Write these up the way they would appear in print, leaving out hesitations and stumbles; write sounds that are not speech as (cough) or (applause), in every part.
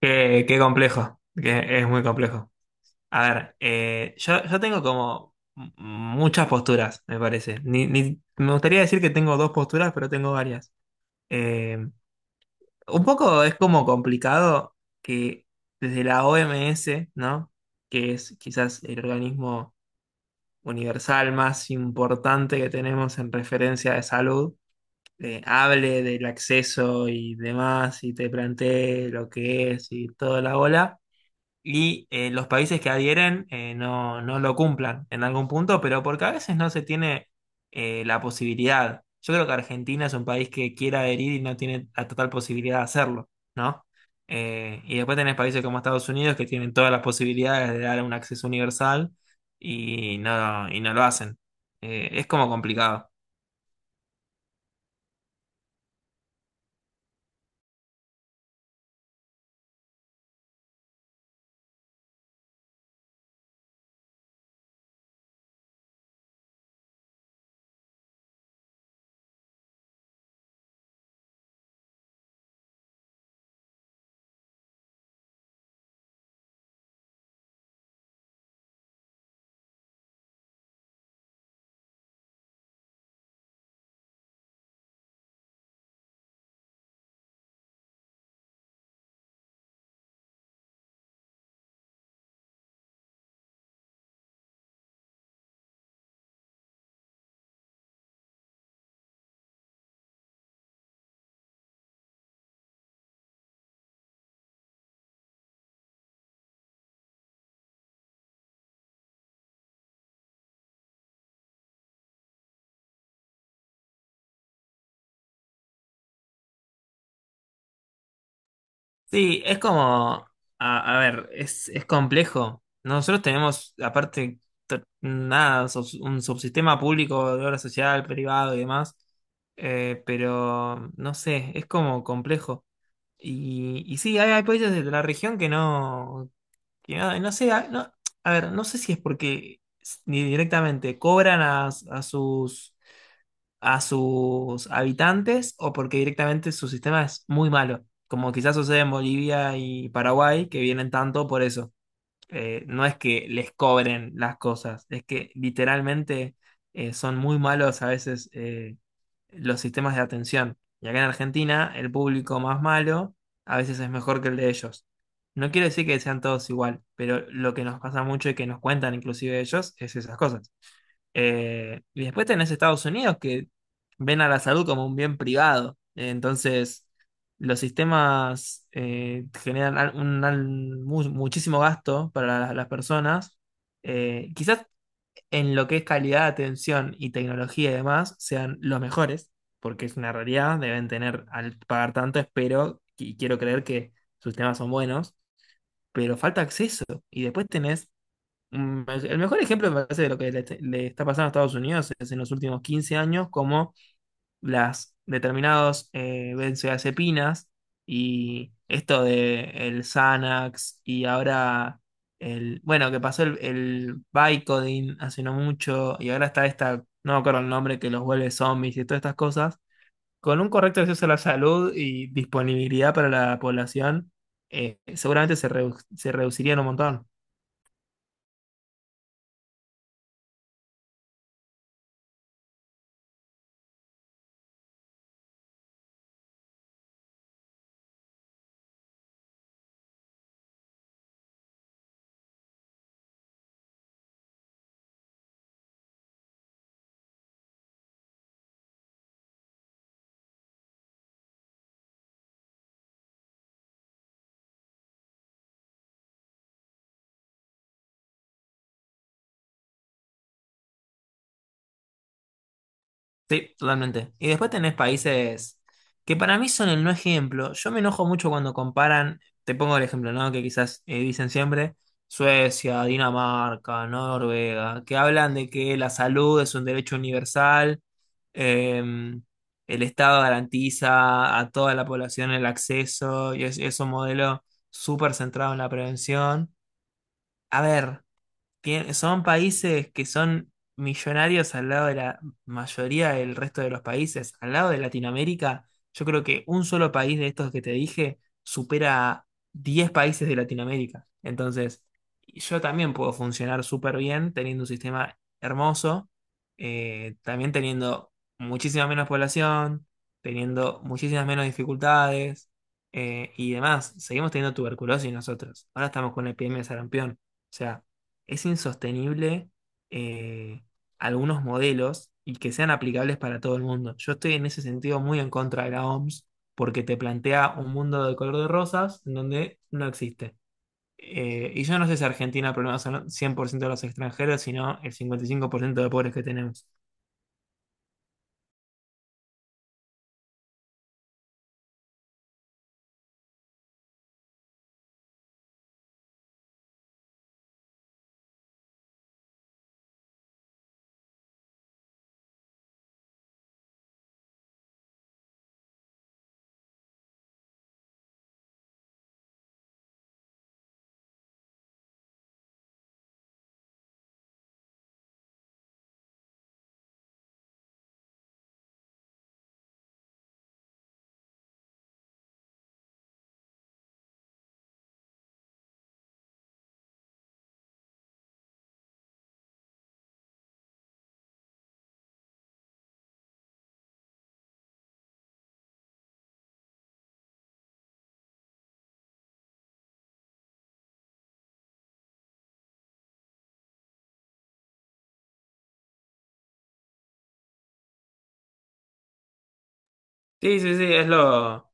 Qué, qué complejo, que es muy complejo. A ver, yo tengo como muchas posturas, me parece. Me gustaría decir que tengo dos posturas, pero tengo varias. Eh, un poco es como complicado que desde la OMS, ¿no? Que es quizás el organismo universal más importante que tenemos en referencia de salud, hable del acceso y demás, y te plantee lo que es y toda la bola y los países que adhieren, no, no lo cumplan en algún punto, pero porque a veces no se tiene la posibilidad. Yo creo que Argentina es un país que quiere adherir y no tiene la total posibilidad de hacerlo, ¿no? Y después tenés países como Estados Unidos que tienen todas las posibilidades de dar un acceso universal y no lo hacen. Es como complicado. Sí, es como, a ver, es complejo. Nosotros tenemos, aparte, nada, un subsistema público de obra social, privado y demás, pero no sé, es como complejo. Y sí, hay países de la región que no, no sé, a ver, no sé si es porque ni directamente cobran a sus habitantes o porque directamente su sistema es muy malo, como quizás sucede en Bolivia y Paraguay, que vienen tanto por eso. No es que les cobren las cosas, es que literalmente son muy malos a veces, los sistemas de atención. Y acá en Argentina, el público más malo a veces es mejor que el de ellos. No quiero decir que sean todos igual, pero lo que nos pasa mucho y que nos cuentan inclusive ellos es esas cosas. Y después tenés Estados Unidos que ven a la salud como un bien privado. Entonces, los sistemas, generan muchísimo gasto para las personas. Quizás en lo que es calidad de atención y tecnología y demás sean los mejores, porque es una realidad, deben tener al pagar tanto, espero y quiero creer que sus temas son buenos, pero falta acceso. Y después tenés, el mejor ejemplo me parece de lo que le está pasando a Estados Unidos es en los últimos 15 años, como las determinados, benzodiazepinas y esto de el Xanax y ahora el, bueno, que pasó el Vicodin hace no mucho y ahora está esta, no me acuerdo el nombre, que los vuelve zombies y todas estas cosas, con un correcto acceso a la salud y disponibilidad para la población, seguramente se, se reducirían un montón. Sí, totalmente. Y después tenés países que para mí son el no ejemplo. Yo me enojo mucho cuando comparan, te pongo el ejemplo, ¿no? Que quizás, dicen siempre, Suecia, Dinamarca, Noruega, que hablan de que la salud es un derecho universal, eh, el Estado garantiza a toda la población el acceso y es un modelo súper centrado en la prevención. A ver. Son países que son millonarios al lado de la mayoría del resto de los países. Al lado de Latinoamérica, yo creo que un solo país de estos que te dije supera a 10 países de Latinoamérica. Entonces, yo también puedo funcionar súper bien teniendo un sistema hermoso, también teniendo muchísima menos población, teniendo muchísimas menos dificultades, y demás, seguimos teniendo tuberculosis nosotros. Ahora estamos con la epidemia de sarampión. O sea, es insostenible, eh, algunos modelos, y que sean aplicables para todo el mundo. Yo estoy en ese sentido muy en contra de la OMS porque te plantea un mundo de color de rosas en donde no existe. Y yo no sé si Argentina el problema son 100% de los extranjeros, sino el 55% de pobres que tenemos. Sí, sí, sí, es lo,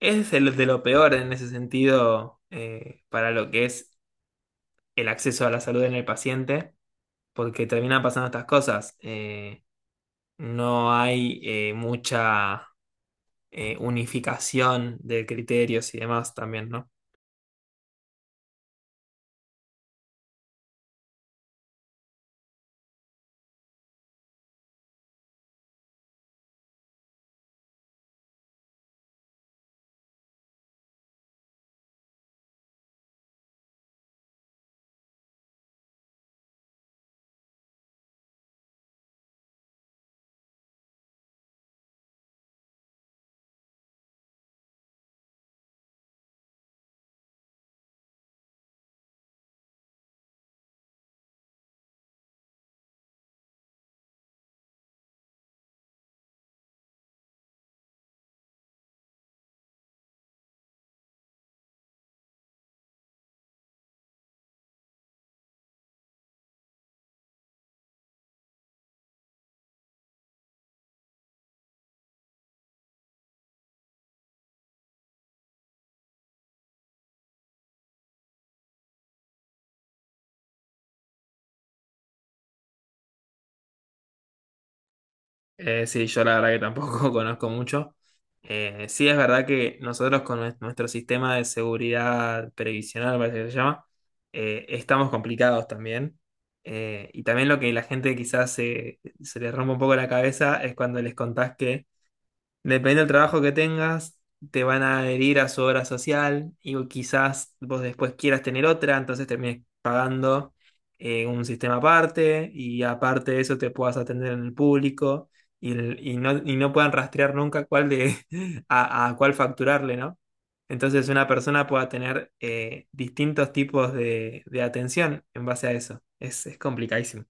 es el de lo peor en ese sentido, para lo que es el acceso a la salud en el paciente, porque terminan pasando estas cosas. No hay, mucha unificación de criterios y demás también, ¿no? Sí, yo la verdad que tampoco (laughs) conozco mucho. Sí, es verdad que nosotros con nuestro sistema de seguridad previsional, parece que se llama, estamos complicados también. Y también lo que la gente quizás se, se le rompe un poco la cabeza es cuando les contás que depende del trabajo que tengas, te van a adherir a su obra social y quizás vos después quieras tener otra, entonces termines pagando, un sistema aparte y aparte de eso te puedas atender en el público y, y no puedan rastrear nunca cuál de, (laughs) a cuál facturarle, ¿no? Entonces una persona pueda tener, distintos tipos de atención en base a eso. Es complicadísimo.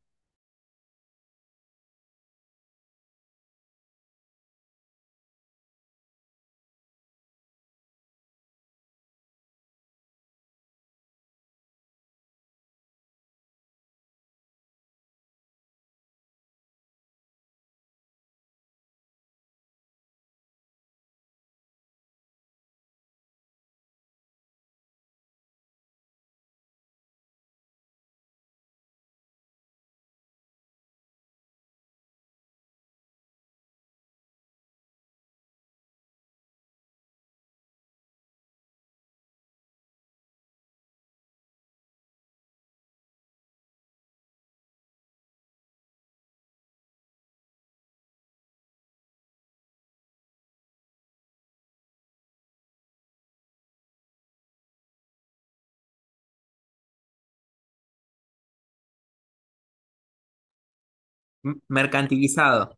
Mercantilizado.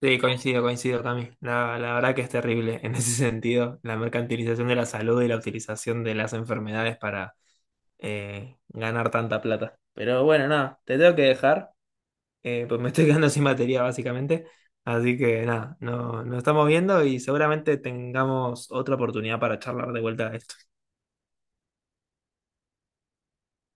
Sí, coincido, coincido, Cami. La verdad que es terrible en ese (laughs) sentido, la mercantilización de la salud y la utilización de las enfermedades para, ganar tanta plata. Pero bueno, nada, te tengo que dejar, pues me estoy (laughs) quedando sin batería básicamente. Así que nada, no, nos estamos viendo y seguramente tengamos otra oportunidad para charlar de vuelta de esto.